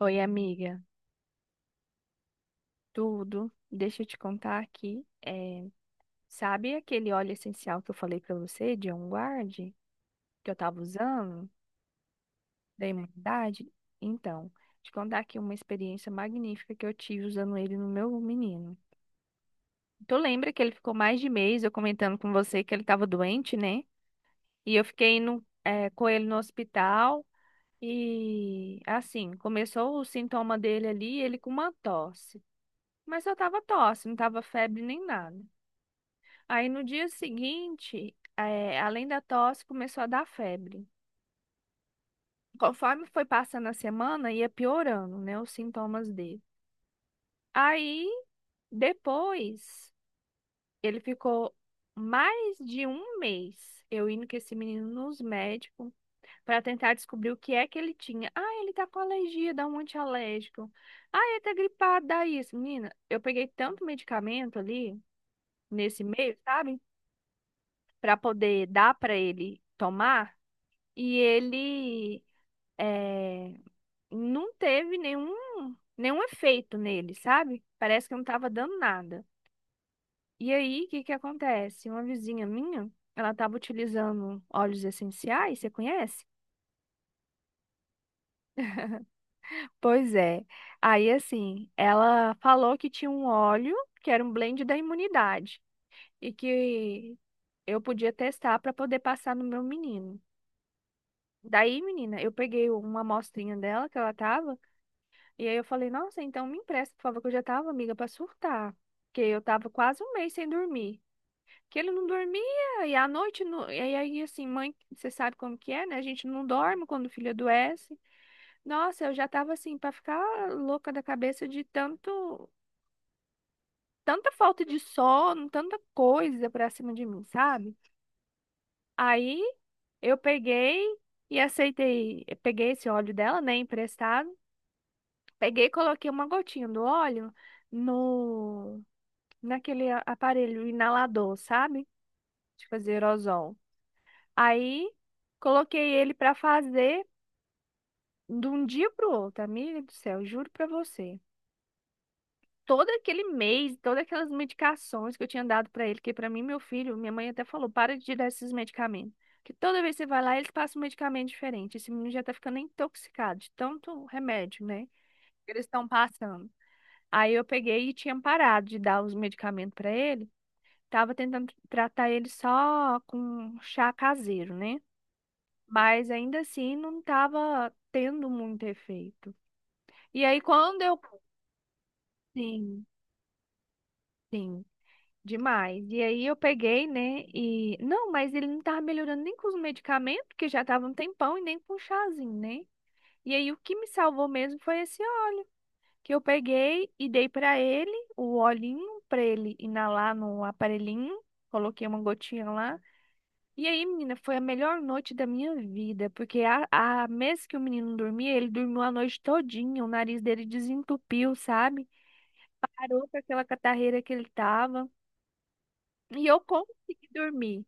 Oi, amiga. Tudo? Deixa eu te contar aqui. Sabe aquele óleo essencial que eu falei pra você, de On Guard, que eu tava usando, da imunidade? Então, te contar aqui uma experiência magnífica que eu tive usando ele no meu menino. Tu lembra que ele ficou mais de mês eu comentando com você que ele tava doente, né? E eu fiquei com ele no hospital e, assim, começou o sintoma dele ali, ele com uma tosse. Mas só tava tosse, não tava febre nem nada. Aí no dia seguinte, além da tosse, começou a dar febre. Conforme foi passando a semana, ia piorando, né, os sintomas dele. Aí depois, ele ficou mais de um mês eu indo com esse menino nos médicos para tentar descobrir o que é que ele tinha. Ah, ele tá com alergia, dá um antialérgico. Ah, ele tá gripado, dá isso. Menina, eu peguei tanto medicamento ali nesse mês, sabe? Para poder dar para ele tomar e ele é, não teve nenhum efeito nele, sabe? Parece que não tava dando nada. E aí, o que que acontece? Uma vizinha minha, ela tava utilizando óleos essenciais, você conhece? Pois é. Aí, assim, ela falou que tinha um óleo que era um blend da imunidade e que eu podia testar para poder passar no meu menino. Daí, menina, eu peguei uma amostrinha dela que ela tava. E aí eu falei, nossa, então me empresta, por favor, que eu já tava, amiga, pra surtar. Porque eu tava quase um mês sem dormir. Que ele não dormia, e à noite, não, e aí assim, mãe, você sabe como que é, né? A gente não dorme quando o filho adoece. Nossa, eu já tava assim, pra ficar louca da cabeça de tanto, tanta falta de sono, tanta coisa pra cima de mim, sabe? Aí eu peguei e aceitei, eu peguei esse óleo dela, né, emprestado. Peguei e coloquei uma gotinha do óleo no naquele aparelho inalador, sabe? De fazer aerosol. Aí coloquei ele para fazer de um dia pro outro, amiga do céu, juro pra você. Todo aquele mês, todas aquelas medicações que eu tinha dado pra ele, que pra mim, meu filho, minha mãe até falou, para de dar esses medicamentos. Que toda vez que você vai lá, eles passam um medicamento diferente. Esse menino já tá ficando intoxicado de tanto remédio, né? Que eles estão passando. Aí eu peguei e tinha parado de dar os medicamentos pra ele. Tava tentando tratar ele só com chá caseiro, né? Mas ainda assim não tava tendo muito efeito. E aí quando eu. Sim, sim, demais. E aí eu peguei, né? E. Não, mas ele não tava melhorando nem com os medicamentos, que já tava um tempão, e nem com o chazinho, né? E aí o que me salvou mesmo foi esse óleo que eu peguei e dei pra ele, o olhinho, pra ele inalar no aparelhinho. Coloquei uma gotinha lá. E aí, menina, foi a melhor noite da minha vida, porque a mês que o menino dormia, ele dormiu a noite todinha, o nariz dele desentupiu, sabe? Parou com aquela catarreira que ele tava. E eu consegui dormir.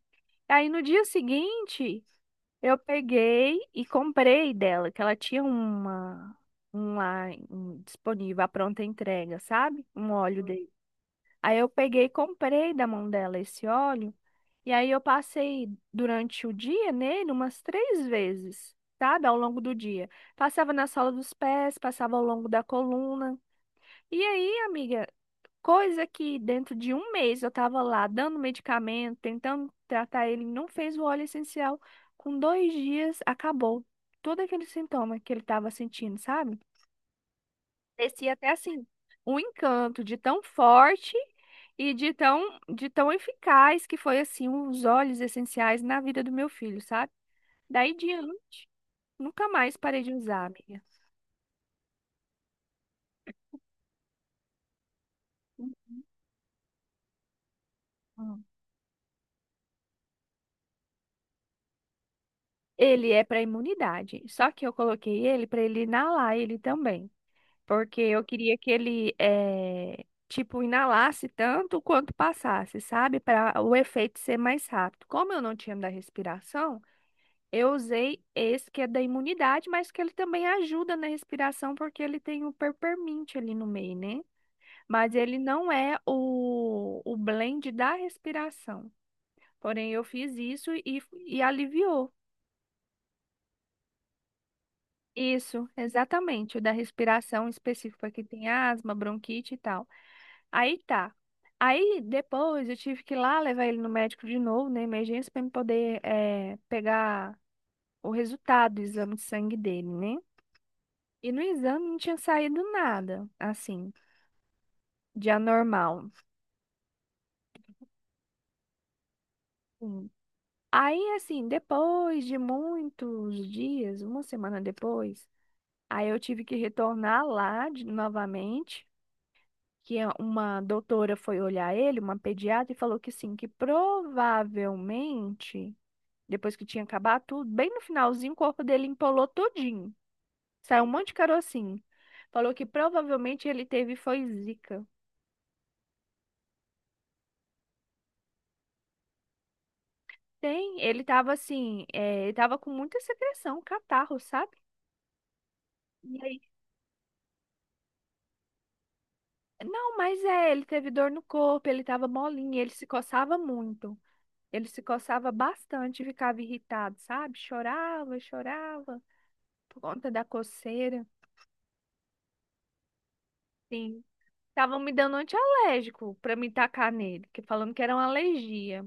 Aí no dia seguinte, eu peguei e comprei dela, que ela tinha um lá disponível, a pronta entrega, sabe? Um óleo dele. Aí eu peguei e comprei da mão dela esse óleo. E aí eu passei durante o dia nele umas três vezes, sabe? Ao longo do dia. Passava na sola dos pés, passava ao longo da coluna. E aí, amiga, coisa que dentro de um mês eu tava lá dando medicamento, tentando tratar ele, não fez o óleo essencial. Com dois dias, acabou todo aquele sintoma que ele tava sentindo, sabe? Parecia até assim, um encanto de tão forte e de tão eficaz que foi assim, os óleos essenciais na vida do meu filho, sabe? Daí em diante, nunca mais parei de usar, amiga. Hum. Ele é para imunidade, só que eu coloquei ele para ele inalar ele também, porque eu queria que ele tipo inalasse tanto quanto passasse, sabe? Para o efeito ser mais rápido. Como eu não tinha da respiração, eu usei esse que é da imunidade, mas que ele também ajuda na respiração porque ele tem o peppermint ali no meio, né? Mas ele não é o blend da respiração. Porém, eu fiz isso e aliviou. Isso, exatamente, o da respiração específico para quem tem asma, bronquite e tal. Aí tá. Aí depois eu tive que ir lá levar ele no médico de novo, na emergência, para me poder pegar o resultado do exame de sangue dele, né? E no exame não tinha saído nada, assim, de anormal. Hum. Aí, assim, depois de muitos dias, uma semana depois, aí eu tive que retornar lá novamente, que uma doutora foi olhar ele, uma pediatra, e falou que sim, que provavelmente, depois que tinha acabado tudo, bem no finalzinho, o corpo dele empolou todinho. Saiu um monte de carocinho. Falou que provavelmente ele teve foi zika. Tem, ele tava assim, ele tava com muita secreção, catarro, sabe? E aí, não, mas ele teve dor no corpo, ele tava molinho, ele se coçava muito. Ele se coçava bastante, ficava irritado, sabe? Chorava, chorava por conta da coceira. Sim, estavam me dando antialérgico pra me tacar nele, que falando que era uma alergia.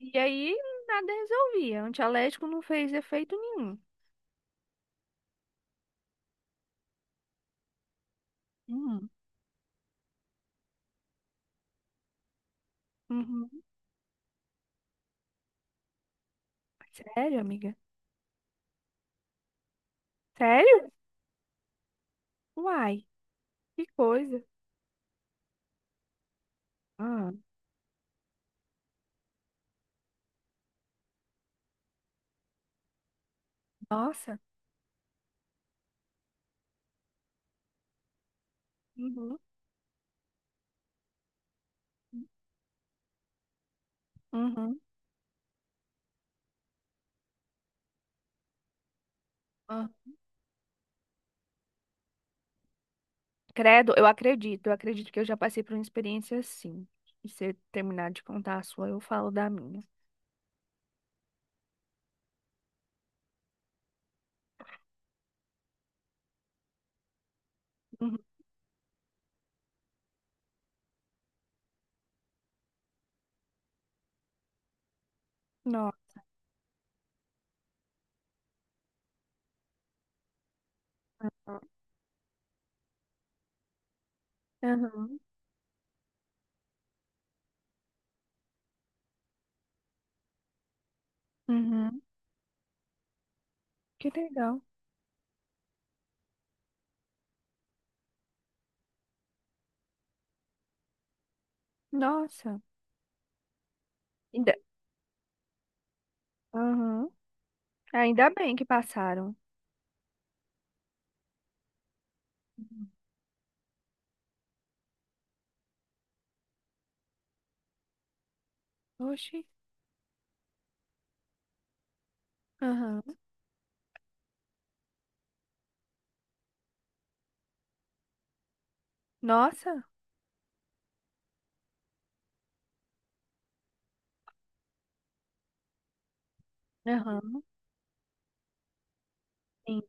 E aí nada resolvia, antialérgico não fez efeito nenhum. Hum. Uhum. Sério, amiga? Sério? Uai, que coisa. Hum, nossa. Uhum. Uhum. Ah. Credo, eu acredito que eu já passei por uma experiência assim. E se você terminar de contar a sua, eu falo da minha. Uhum. Nossa. Uhum. Uhum. Que legal. Nossa. Ainda. Uhum. Ainda bem que passaram. Uhum. Oxi. Uhum. Nossa. Uhum. Sim.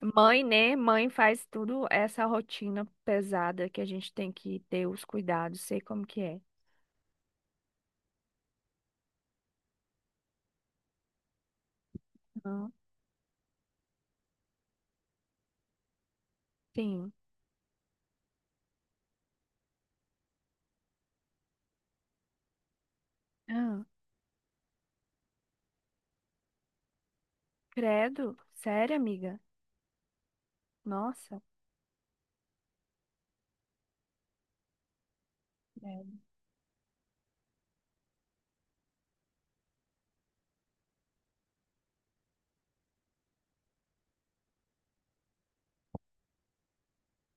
Mãe, né? Mãe faz tudo essa rotina pesada que a gente tem que ter os cuidados, sei como que é. Uhum. Sim. Ah, credo. Sério, amiga? Nossa. Credo.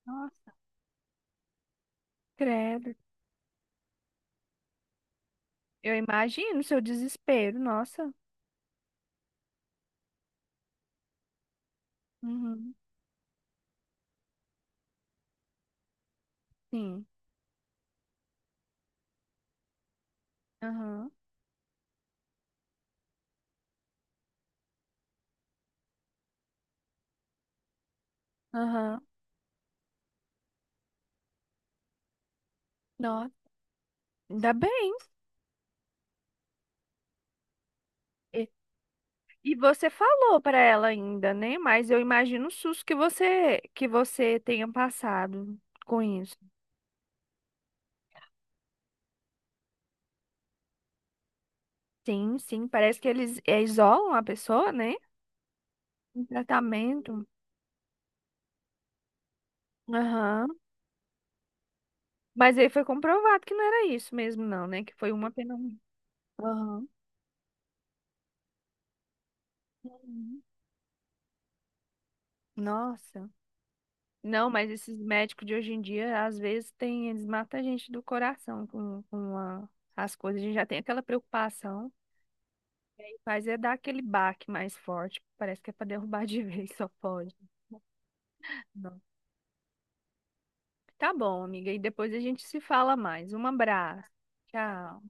Nossa. Credo. Eu imagino o seu desespero. Nossa. Uhum. Sim. Aham. Aham. Nossa. Ainda bem. E, e você falou para ela ainda, né? Mas eu imagino o susto que você tenha passado com isso. Sim, sim. Parece que eles isolam a pessoa, né? Em tratamento. Aham. Mas aí foi comprovado que não era isso mesmo, não, né? Que foi uma apenas. Aham. Uhum. Nossa. Não, mas esses médicos de hoje em dia, às vezes, tem, eles matam a gente do coração com as coisas. A gente já tem aquela preocupação, e aí faz é dar aquele baque mais forte. Parece que é para derrubar de vez, só pode. Não. Tá bom, amiga, e depois a gente se fala mais. Um abraço. Tchau.